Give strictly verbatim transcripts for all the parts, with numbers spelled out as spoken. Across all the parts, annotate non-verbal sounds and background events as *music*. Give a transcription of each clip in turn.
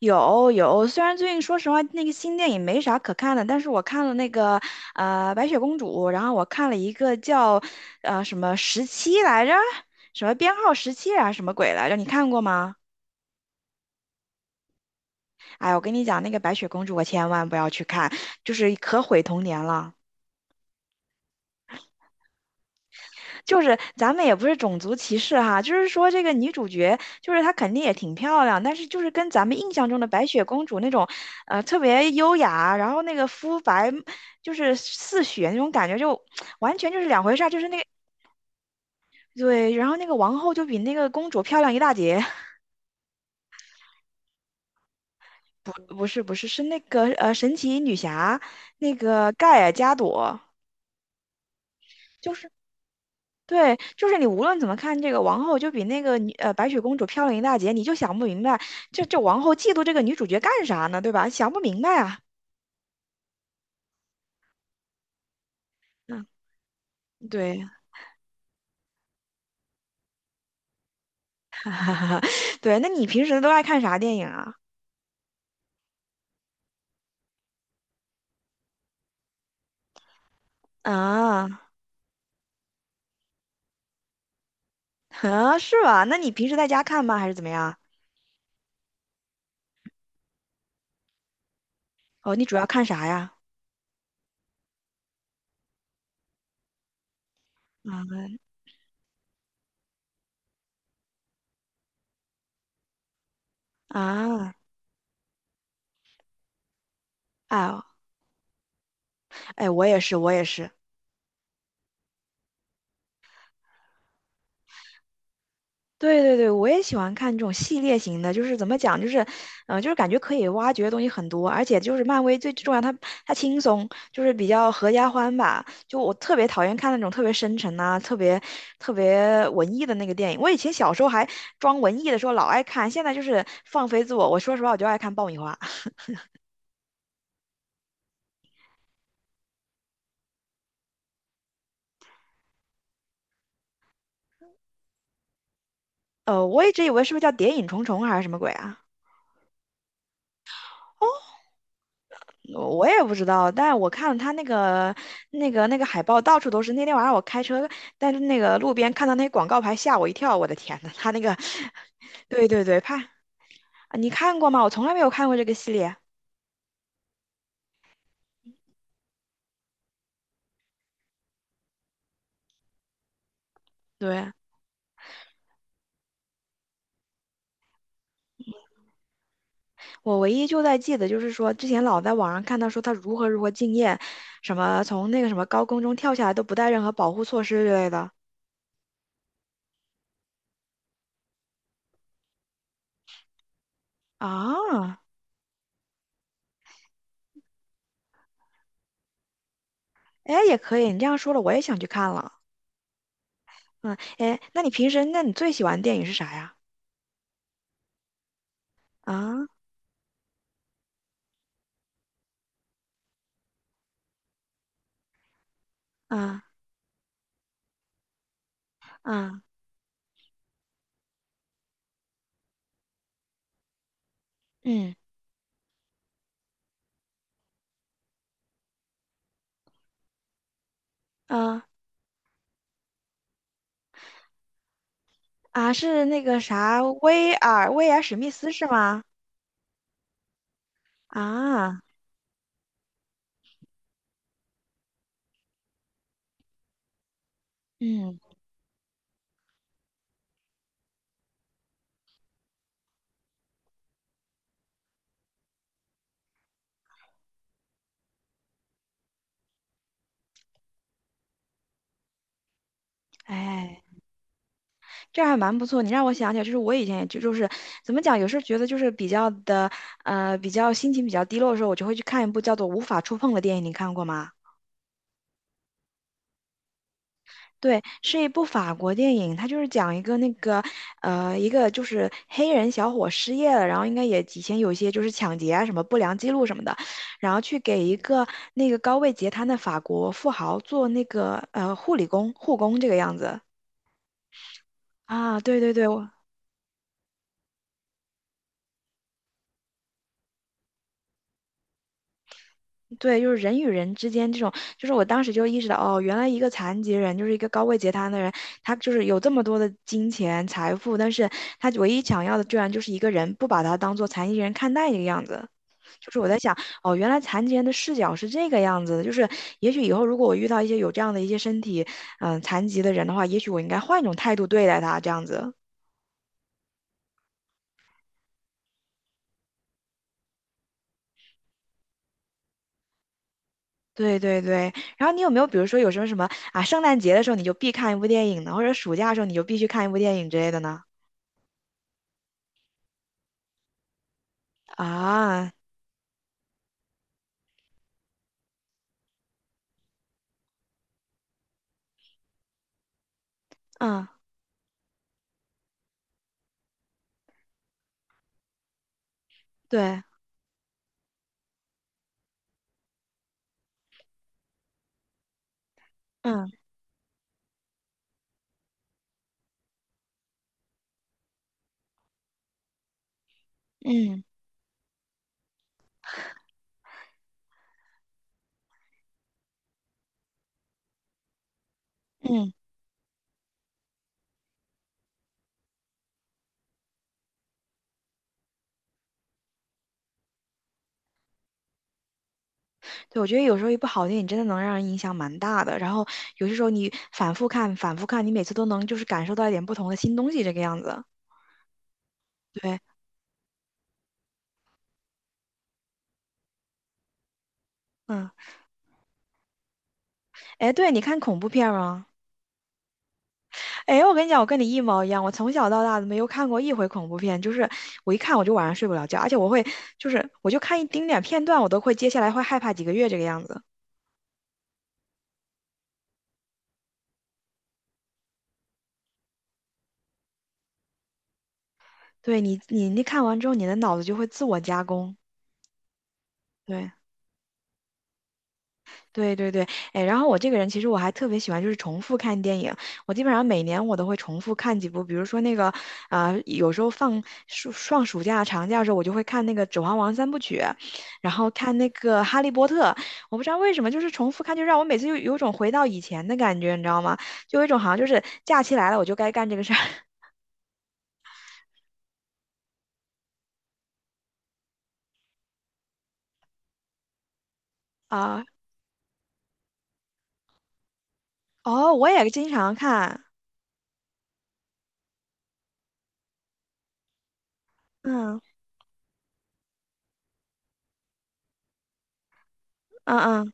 有有，虽然最近说实话那个新电影没啥可看的，但是我看了那个呃白雪公主，然后我看了一个叫呃什么十七来着，什么编号十七啊，什么鬼来着？你看过吗？哎，我跟你讲，那个白雪公主我千万不要去看，就是可毁童年了。就是咱们也不是种族歧视哈，就是说这个女主角，就是她肯定也挺漂亮，但是就是跟咱们印象中的白雪公主那种，呃，特别优雅，然后那个肤白，就是似雪那种感觉，就完全就是两回事儿。就是那个对，然后那个王后就比那个公主漂亮一大截。不是不是，是那个呃神奇女侠，那个盖尔加朵。对，就是你无论怎么看这个王后，就比那个女呃白雪公主漂亮一大截，你就想不明白，这这王后嫉妒这个女主角干啥呢？对吧？想不明白啊。嗯，对，*laughs* 对，那你平时都爱看啥电影啊？啊啊，是吧？那你平时在家看吗？还是怎么样？哦，你主要看啥呀？啊啊，哎呦，哎，我也是，我也是。对对对，我也喜欢看这种系列型的，就是怎么讲，就是，嗯、就是感觉可以挖掘的东西很多，而且就是漫威最重要，它它轻松，就是比较合家欢吧。就我特别讨厌看那种特别深沉啊、特别特别文艺的那个电影。我以前小时候还装文艺的时候老爱看，现在就是放飞自我。我说实话，我就爱看爆米花。呃，我一直以为是不是叫《谍影重重》还是什么鬼啊？我我也不知道，但我看了他那个那个那个海报，到处都是。那天晚上我开车，但是那个路边看到那广告牌，吓我一跳。我的天呐，他那个，对对对，怕啊，你看过吗？我从来没有看过这个系列。对，我唯一就在记得就是说，之前老在网上看到说他如何如何敬业，什么从那个什么高空中跳下来都不带任何保护措施之类的啊。哎，也可以，你这样说了，我也想去看了。嗯，哎，那你平时，那你最喜欢的电影是啥呀？啊啊。啊，嗯，啊啊，是那个啥，威尔威尔史密斯是吗？啊，嗯，哎，这还蛮不错。你让我想起来，就是我以前也就就是怎么讲，有时候觉得就是比较的呃，比较心情比较低落的时候，我就会去看一部叫做《无法触碰》的电影，你看过吗？对，是一部法国电影，它就是讲一个那个，呃，一个就是黑人小伙失业了，然后应该也以前有一些就是抢劫啊什么不良记录什么的，然后去给一个那个高位截瘫的法国富豪做那个呃护理工护工这个样子啊，对对对，我对就是人与人之间这种，就是我当时就意识到哦，原来一个残疾人就是一个高位截瘫的人，他就是有这么多的金钱财富，但是他唯一想要的居然就是一个人不把他当做残疾人看待这个样子。就是我在想，哦，原来残疾人的视角是这个样子的。就是也许以后如果我遇到一些有这样的一些身体，嗯、残疾的人的话，也许我应该换一种态度对待他，这样子。对对对。然后你有没有，比如说有什么什么啊，圣诞节的时候你就必看一部电影呢，或者暑假的时候你就必须看一部电影之类的呢？啊，嗯，对，嗯嗯。嗯，对，我觉得有时候一部好电影真的能让人影响蛮大的。然后有些时候你反复看、反复看，你每次都能就是感受到一点不同的新东西，这个样子。对，嗯。哎，对，你看恐怖片吗？哎，我跟你讲，我跟你一毛一样，我从小到大都没有看过一回恐怖片，就是我一看我就晚上睡不了觉，而且我会就是我就看一丁点片段，我都会接下来会害怕几个月这个样子。对你，你你看完之后，你的脑子就会自我加工。对。对对对，哎，然后我这个人其实我还特别喜欢就是重复看电影，我基本上每年我都会重复看几部，比如说那个，啊，有时候放暑放暑假、长假的时候，我就会看那个《指环王》三部曲，然后看那个《哈利波特》，我不知道为什么就是重复看，就让我每次就有种回到以前的感觉，你知道吗？就有一种好像就是假期来了我就该干这个事儿 *laughs* 啊。哦，我也经常看，嗯嗯嗯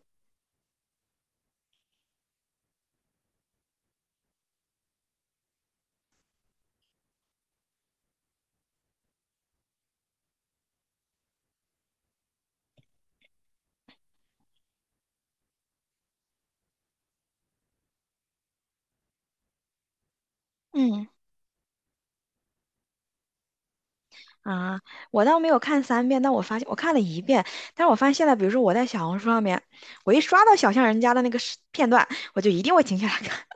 嗯。啊，我倒没有看三遍，但我发现我看了一遍，但是我发现现在，比如说我在小红书上面，我一刷到小巷人家的那个视片段，我就一定会停下来看。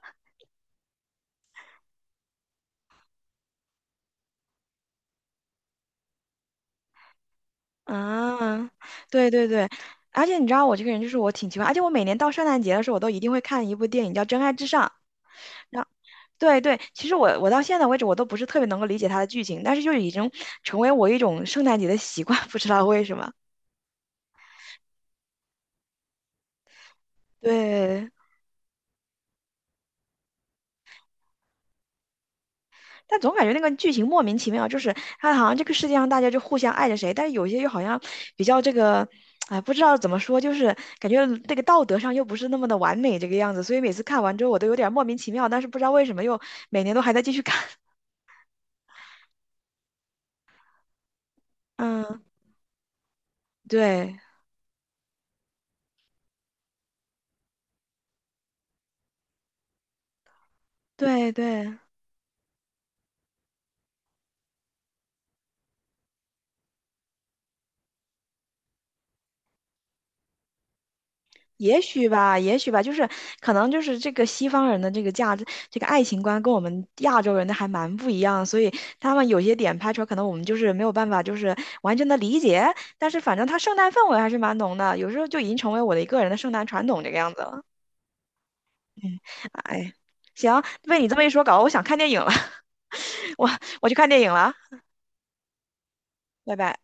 *laughs* 啊，对对对，而且你知道我这个人就是我挺奇怪，而且我每年到圣诞节的时候，我都一定会看一部电影叫《真爱至上》。然后对对，其实我我到现在为止我都不是特别能够理解它的剧情，但是就已经成为我一种圣诞节的习惯，不知道为什么。对，但总感觉那个剧情莫名其妙，就是它好像这个世界上大家就互相爱着谁，但是有些又好像比较这个，哎，不知道怎么说，就是感觉那个道德上又不是那么的完美这个样子，所以每次看完之后我都有点莫名其妙，但是不知道为什么又每年都还在继续看。*laughs* 嗯，对对对。也许吧，也许吧，就是可能就是这个西方人的这个价值，这个爱情观跟我们亚洲人的还蛮不一样，所以他们有些点拍出来，可能我们就是没有办法就是完全的理解，但是反正他圣诞氛围还是蛮浓的，有时候就已经成为我的一个人的圣诞传统这个样子了。嗯，哎，行，被你这么一说搞得我想看电影了，*laughs* 我我去看电影了，拜拜。